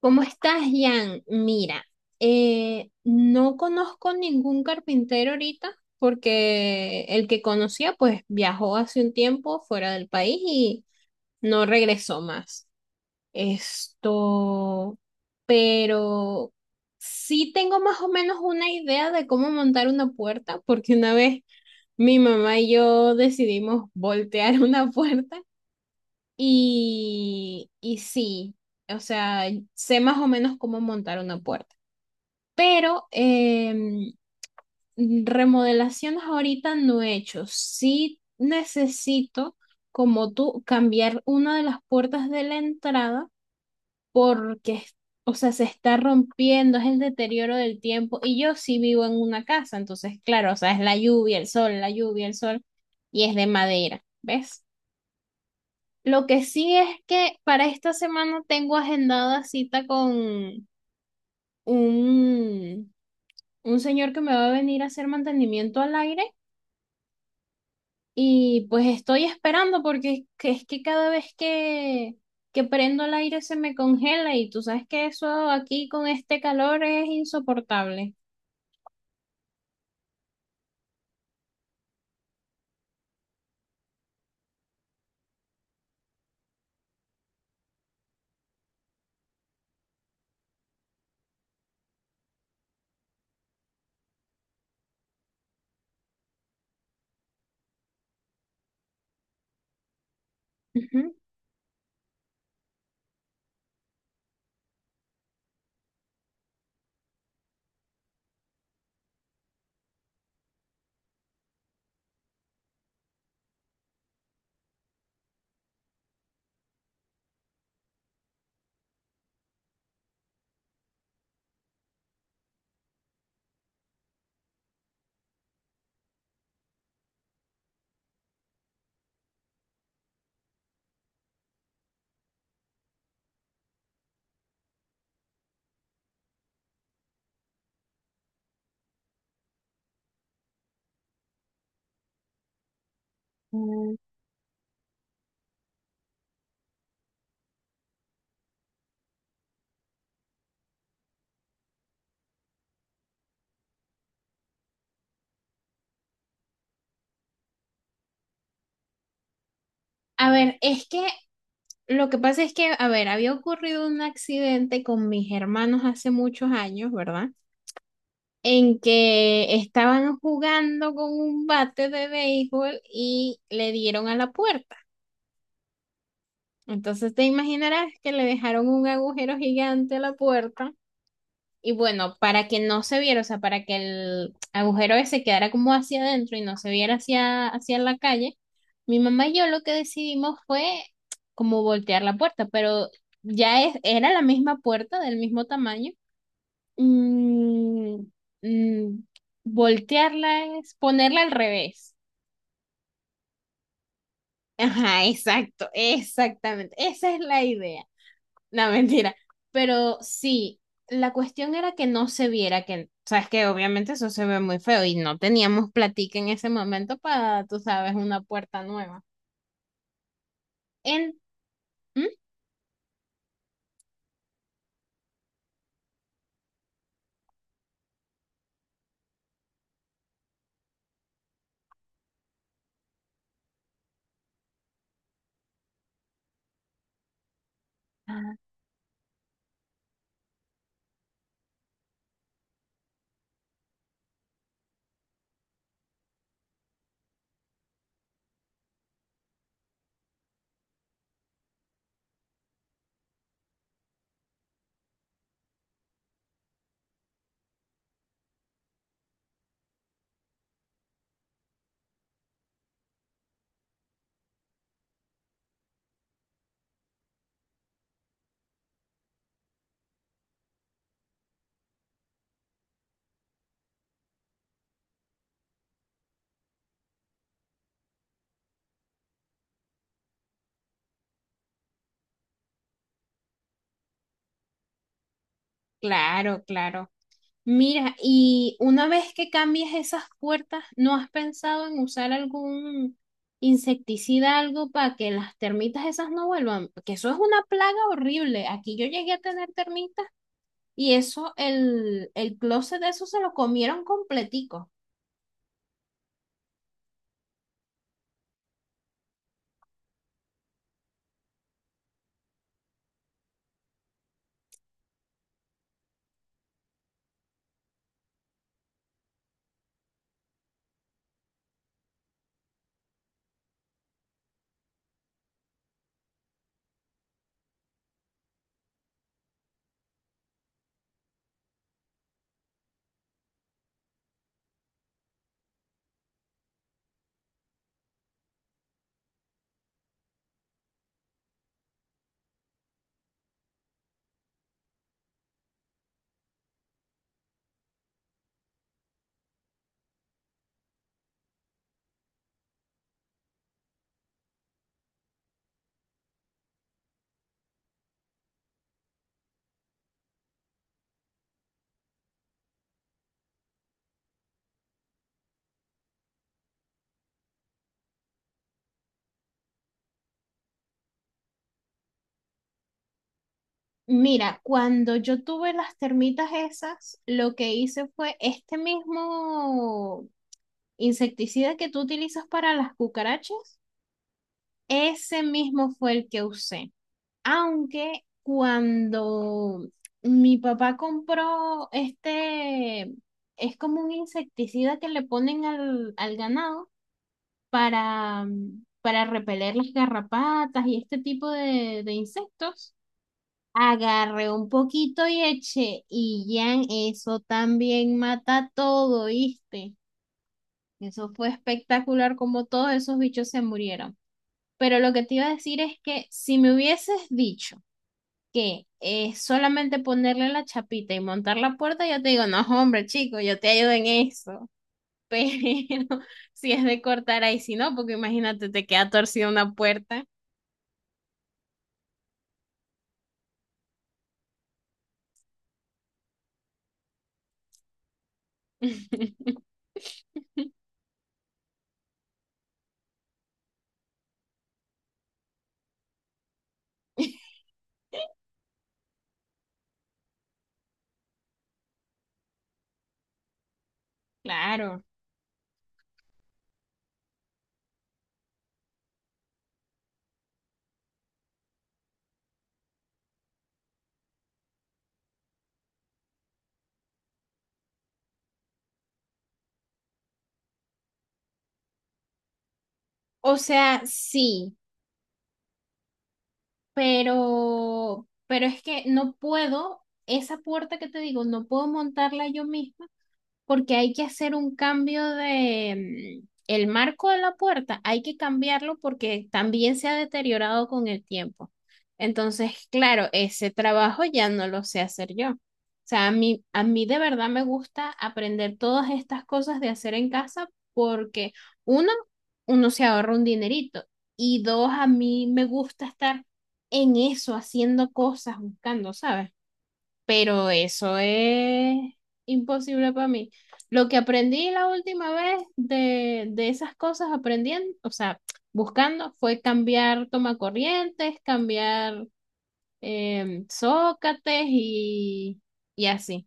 ¿Cómo estás, Jan? Mira, no conozco ningún carpintero ahorita porque el que conocía pues viajó hace un tiempo fuera del país y no regresó más. Esto, pero sí tengo más o menos una idea de cómo montar una puerta porque una vez mi mamá y yo decidimos voltear una puerta y sí, o sea, sé más o menos cómo montar una puerta. Pero remodelaciones ahorita no he hecho. Sí necesito, como tú, cambiar una de las puertas de la entrada porque, o sea, se está rompiendo, es el deterioro del tiempo. Y yo sí vivo en una casa, entonces, claro, o sea, es la lluvia, el sol, la lluvia, el sol, y es de madera, ¿ves? Lo que sí es que para esta semana tengo agendada cita con un, un señor que me va a venir a hacer mantenimiento al aire y pues estoy esperando porque es que cada vez que prendo el aire se me congela y tú sabes que eso aquí con este calor es insoportable. Ujú. Mm. A ver, es que lo que pasa es que, a ver, había ocurrido un accidente con mis hermanos hace muchos años, ¿verdad? En que estaban jugando con un bate de béisbol y le dieron a la puerta. Entonces te imaginarás que le dejaron un agujero gigante a la puerta. Y bueno, para que no se viera, o sea, para que el agujero ese quedara como hacia adentro y no se viera hacia la calle, mi mamá y yo lo que decidimos fue como voltear la puerta, pero ya era la misma puerta del mismo tamaño. Mm. Mm, voltearla es ponerla al revés. Ajá, exacto, exactamente. Esa es la idea. No, mentira. Pero sí, la cuestión era que no se viera que, sabes que obviamente eso se ve muy feo y no teníamos platica en ese momento para, tú sabes, una puerta nueva. En, ¿Mm? Claro, claro. Mira, y una vez que cambies esas puertas, ¿no has pensado en usar algún insecticida, algo para que las termitas esas no vuelvan? Porque eso es una plaga horrible. Aquí yo llegué a tener termitas y eso, el closet de eso se lo comieron completico. Mira, cuando yo tuve las termitas esas, lo que hice fue este mismo insecticida que tú utilizas para las cucarachas, ese mismo fue el que usé. Aunque cuando mi papá compró este, es como un insecticida que le ponen al ganado para, para repeler las garrapatas y este tipo de insectos, agarré un poquito y eché y ya eso también mata todo, ¿viste? Eso fue espectacular como todos esos bichos se murieron. Pero lo que te iba a decir es que si me hubieses dicho que es solamente ponerle la chapita y montar la puerta, yo te digo, no, hombre, chico, yo te ayudo en eso. Pero si es de cortar ahí, si no, porque imagínate, te queda torcida una puerta. Claro. O sea, sí, pero es que no puedo, esa puerta que te digo, no puedo montarla yo misma porque hay que hacer un cambio de el marco de la puerta, hay que cambiarlo porque también se ha deteriorado con el tiempo. Entonces, claro, ese trabajo ya no lo sé hacer yo. O sea, a mí de verdad me gusta aprender todas estas cosas de hacer en casa porque uno, uno se ahorra un dinerito y dos, a mí me gusta estar en eso, haciendo cosas, buscando, ¿sabes? Pero eso es imposible para mí. Lo que aprendí la última vez de esas cosas aprendiendo, o sea, buscando, fue cambiar tomacorrientes, cambiar zócates y así.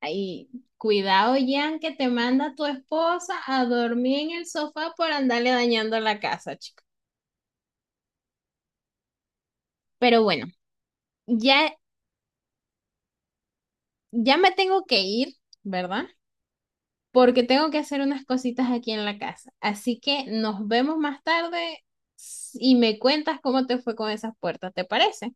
Ay, cuidado, Jan, que te manda tu esposa a dormir en el sofá por andarle dañando la casa, chico. Pero bueno, ya, ya me tengo que ir, ¿verdad? Porque tengo que hacer unas cositas aquí en la casa. Así que nos vemos más tarde y me cuentas cómo te fue con esas puertas, ¿te parece?